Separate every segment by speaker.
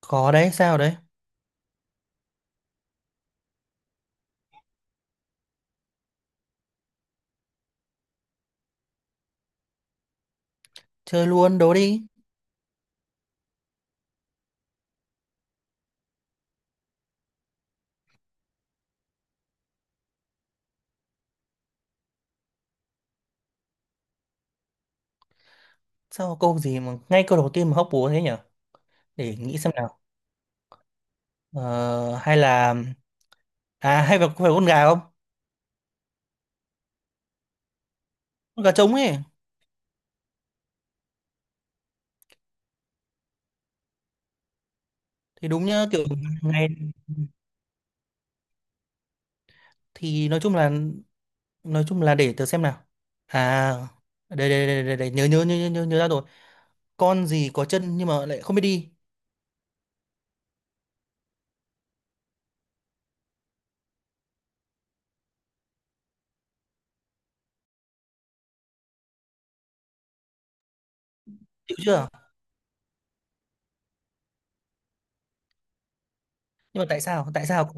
Speaker 1: Có đấy, sao đấy? Chơi luôn, đố đi. Sao câu gì mà ngay câu đầu tiên mà hóc búa thế nhở? Để nghĩ xem nào. Ờ, hay là hay là có phải con gà không? Con gà trống ấy thì đúng nhá, kiểu ngày thì nói chung là để tớ xem nào. À đây đây đây đây, đây. Nhớ, nhớ nhớ nhớ nhớ nhớ ra rồi. Con gì có chân nhưng mà lại không biết đi. Hiểu chưa? Nhưng mà tại sao? Tại sao?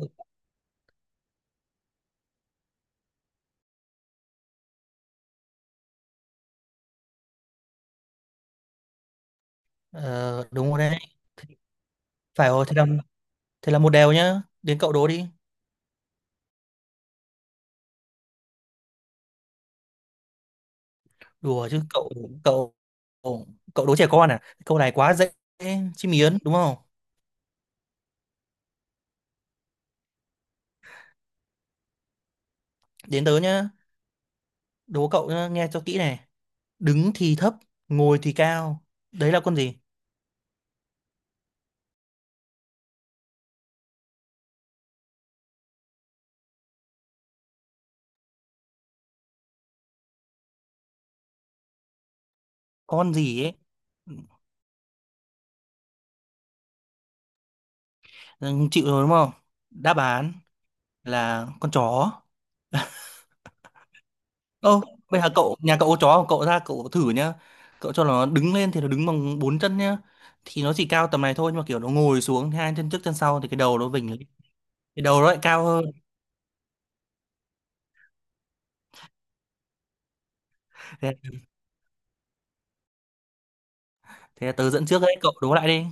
Speaker 1: Ờ, đúng rồi đấy. Phải rồi, thế là một đều nhá. Đến cậu đố đi. Đùa chứ cậu cậu cậu đố trẻ con à? Câu này quá dễ, chim miến đúng không? Đến tớ nhá, đố cậu nhá, nghe cho kỹ này. Đứng thì thấp, ngồi thì cao, đấy là con gì? Con gì ấy. Ừ, chịu rồi đúng không? Đáp án là con chó. Ô, bây giờ cậu nhà cậu có chó không? Cậu ra cậu thử nhá, cậu cho nó đứng lên thì nó đứng bằng bốn chân nhá, thì nó chỉ cao tầm này thôi, nhưng mà kiểu nó ngồi xuống hai chân trước chân sau thì cái đầu nó vỉnh lên. Cái đầu nó lại cao hơn. Thế, thế tớ dẫn trước đấy, cậu đố lại đi.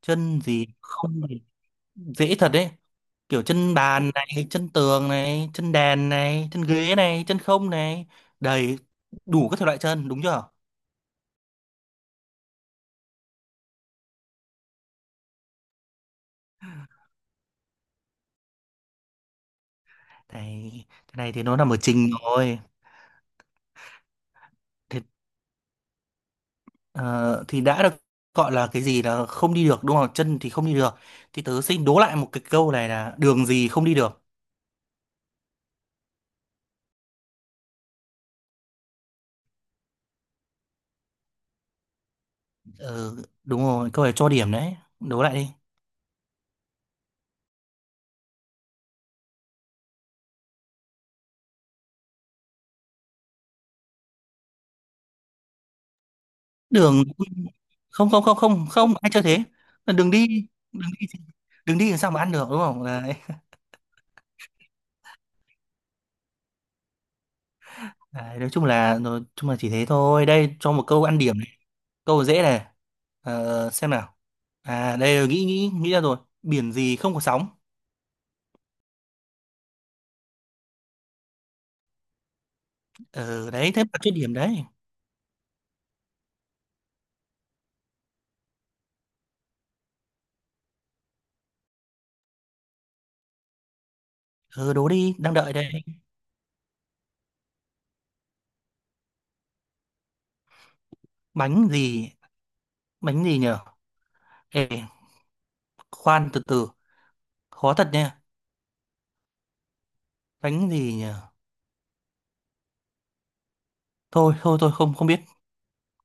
Speaker 1: Chân gì không thì dễ thật đấy, kiểu chân bàn này, chân tường này, chân đèn này, chân ghế này, chân không này, đầy đủ các thể loại chân đúng chưa. Này cái này thì nó nằm ở trình rồi. Thì, ờ, thì đã được gọi là cái gì là không đi được đúng không, chân thì không đi được, thì tớ xin đố lại một cái câu này là đường gì không đi được. Ừ, đúng rồi, câu này cho điểm đấy, đố lại đi. Đường không không không không không, ai chơi thế, là đường đi. Đường đi, đường đi làm sao mà ăn được đúng không? Đấy. Đấy, nói chung là chỉ thế thôi. Đây cho một câu ăn điểm này. Câu dễ này. Ờ, xem nào. À đây, nghĩ nghĩ nghĩ ra rồi. Biển gì không có sóng? Ờ đấy thế mà chút điểm đấy. Ờ đố đi, đang đợi đây. Bánh gì? Bánh gì nhở? Ê, khoan từ từ. Khó thật nha. Bánh gì nhở? Thôi thôi thôi, không không biết.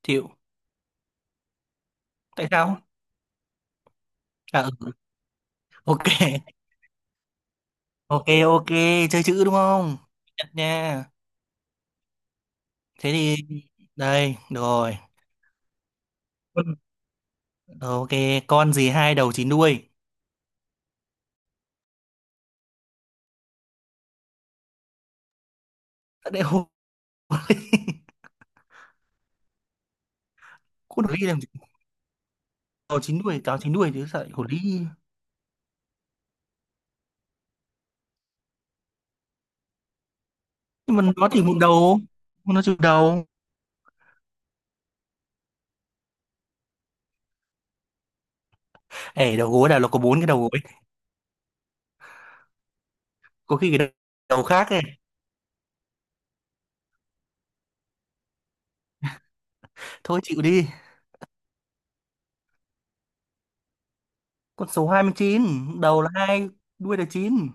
Speaker 1: Chịu. Tại sao? À ừ. Ok. Ok ok, chơi chữ đúng không? Nhận nha. Thế thì đây, được rồi. Ờ, ok, con gì hai đầu chín đuôi? Sao lại hổ? Con hổ đi làm gì? Đầu chín đuôi, cáo chín đuôi chứ sợ hổ đi. Nhưng mà nó chỉ một đầu, nó chịu đầu. Ê, đầu gối là nó có bốn cái đầu gối. Có khi cái đầu đầu khác ấy. Thôi chịu đi, con số 29, đầu là hai, đuôi là chín,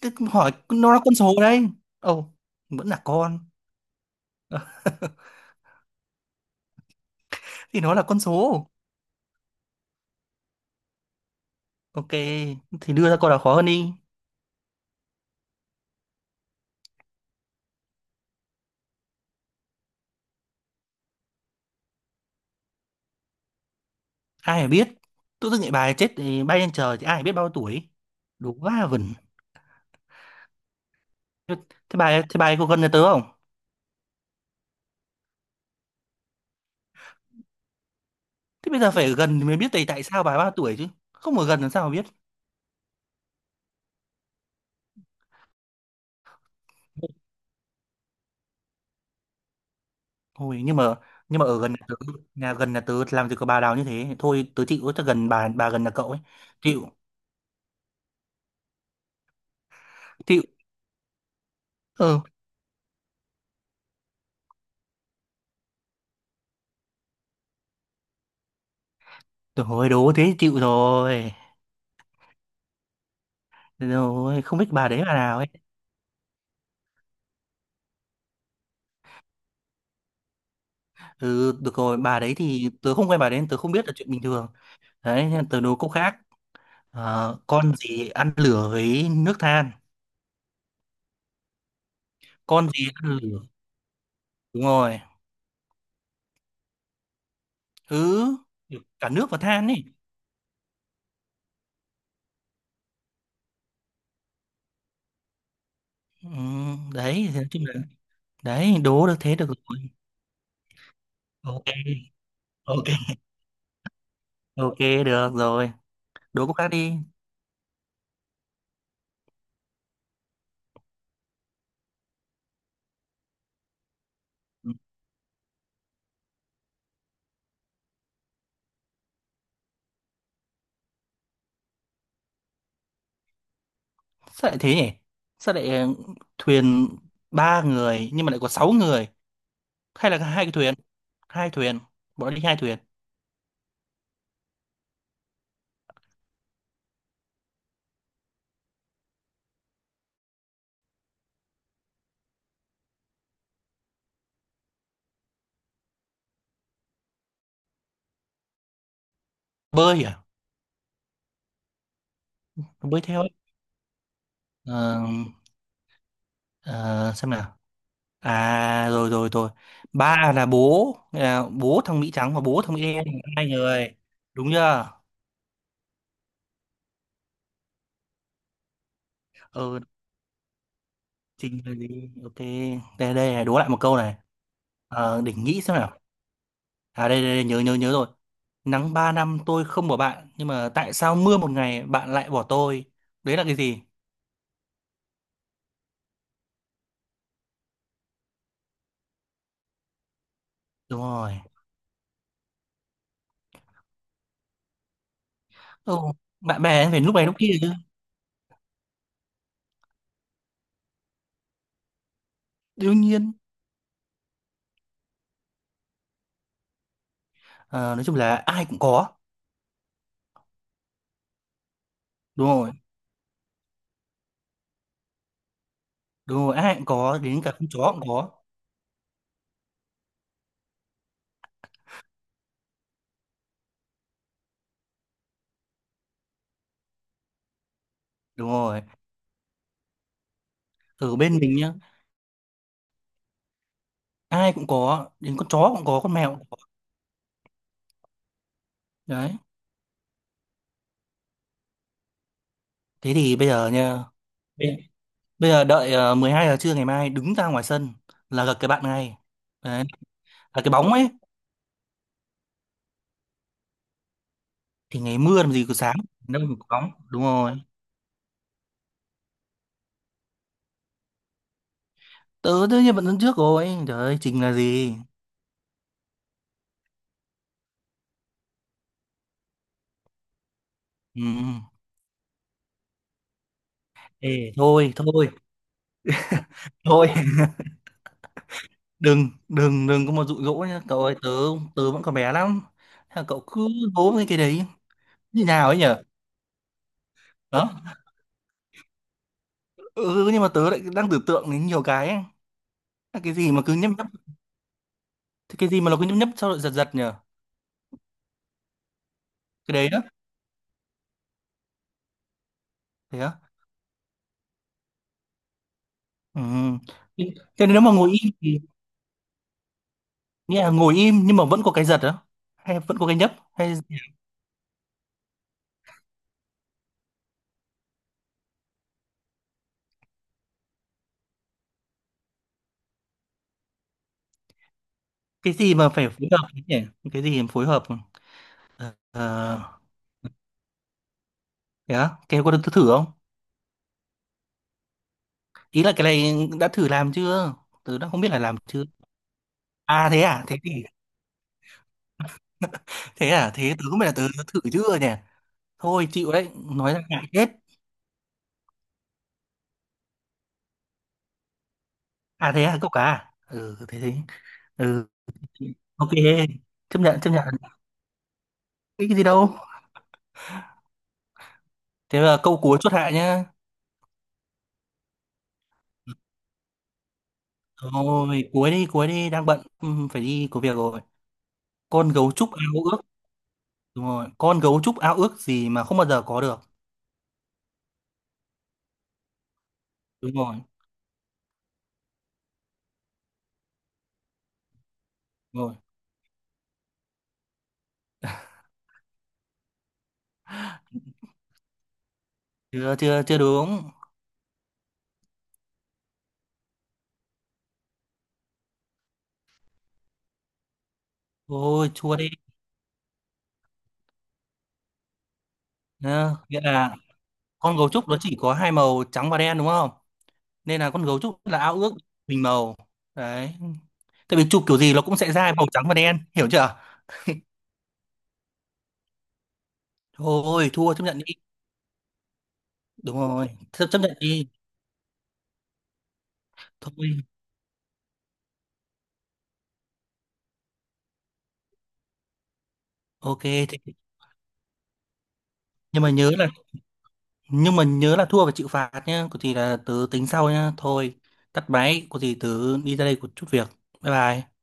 Speaker 1: tức hỏi nó là con số đấy. Ồ, vẫn là con, thì nó là con số. Ok, thì đưa ra câu nào khó hơn đi. Ai mà biết, tự dưng lại bài chết thì bay lên trời thì ai mà biết bao tuổi, đúng quá vẩn. Thế thế bà ấy có gần nhà tớ không? Thế bây giờ phải ở gần thì mới biết tại tại sao bà ấy bao tuổi chứ. Không ở gần làm sao mà biết. Thôi nhưng mà ở gần nhà tớ, nhà gần nhà tớ làm gì có bà nào như thế. Thôi tớ chịu, tớ gần bà gần nhà cậu ấy. Chịu, chịu. Ừ. Thôi đố thế thì chịu rồi. Rồi không biết bà đấy bà nào ấy. Ừ được rồi, bà đấy thì tớ không quen bà đấy, tớ không biết là chuyện bình thường. Đấy, nên tớ đố câu khác. Ờ, con gì ăn lửa với nước than? Con gì ăn lửa? Đúng rồi. Ừ, cả nước và than ấy. Ừ, đấy thì nói chung là đấy, đố được thế được rồi. Ok ok ok, được rồi, đố cô khác đi. Ừ, sao lại thế nhỉ? Sao lại thuyền ba người nhưng mà lại có sáu người, hay là hai cái thuyền, hai thuyền, bọn nó đi hai thuyền, bơi à? Nó bơi theo ấy. Ờ, ờ, xem nào. À rồi rồi rồi, ba là bố, là bố thằng Mỹ trắng và bố thằng Mỹ đen, hai người, đúng chưa? Ừ. Trình bày đi. Ok. Đây đây này, đố lại một câu này. Ờ, để nghĩ xem nào. À đây, đây đây nhớ nhớ nhớ rồi. Nắng 3 năm tôi không bỏ bạn, nhưng mà tại sao mưa một ngày bạn lại bỏ tôi? Đấy là cái gì? Đúng rồi. Ồ, bạn bè phải lúc này lúc kia chứ. Đương nhiên. Ờ, nói chung là ai cũng có. Đúng rồi. Đúng rồi, ai cũng có, đến cả con chó cũng có. Đúng rồi. Ở bên mình nhá, ai cũng có, đến con chó cũng có, con mèo cũng có. Đấy. Thế thì bây giờ nha. Bây giờ đợi 12 giờ trưa ngày mai đứng ra ngoài sân là gặp cái bạn ngay. Đấy, là cái bóng ấy, thì ngày mưa làm gì có sáng, đâu mà có bóng. Đúng rồi. Tớ tất nhiên vẫn đứng trước rồi. Trời ơi, Trình là gì? Ừ. Ừ. Ê, thôi, thôi, thôi. Đừng, đừng, đừng có mà dụ dỗ nhá. Cậu ơi, tớ vẫn còn bé lắm. Thế là cậu cứ hố với cái đấy. Như nào ấy nhở? Đó. Ừ, ừ, nhưng mà tớ lại đang tưởng tượng đến nhiều cái ấy. Là cái gì mà cứ nhấp nhấp, cái gì mà nó cứ nhấp nhấp sau rồi giật giật nhở? Cái đấy đó. Thế á? Ừ. Thế thế nếu mà ngồi im thì nghĩa là ngồi im nhưng mà vẫn có cái giật á, hay vẫn có cái nhấp, hay cái gì mà phải phối hợp ấy nhỉ? Cái gì mà phối hợp? ờ ờ, thế á, cái có được thử không? Ý là cái này đã thử làm chưa, tớ đã không biết là làm chưa. À thế à, thế thì thế à, thế tớ không biết là tớ đã thử chưa nhỉ? Thôi chịu đấy, nói ra ngại chết. À thế à, cậu cả à? Ừ thế thế. Ừ, ok. Chấp nhận chấp nhận. Cái gì đâu. Thế là câu cuối chốt hạ nhá. Thôi, cuối đi, đang bận, ừ, phải đi có việc rồi. Con gấu trúc ao ước, đúng rồi. Con gấu trúc ao ước gì mà không bao giờ có được. Đúng rồi, đúng rồi. Chưa, chưa, chưa đúng. Ôi, chua đi. Nhá, nghĩa là con gấu trúc nó chỉ có hai màu trắng và đen đúng không? Nên là con gấu trúc là ao ước bình màu. Đấy. Tại vì chụp kiểu gì nó cũng sẽ ra màu trắng và đen, hiểu chưa? Thôi, thua chấp nhận đi. Đúng rồi, chấp chấp nhận đi. Thôi, ok. Thì... Nhưng mà nhớ là nhưng mà nhớ là thua phải chịu phạt nhá, có gì là tớ tính sau nhá, thôi tắt máy, có gì tớ đi ra đây có chút việc, bye bye.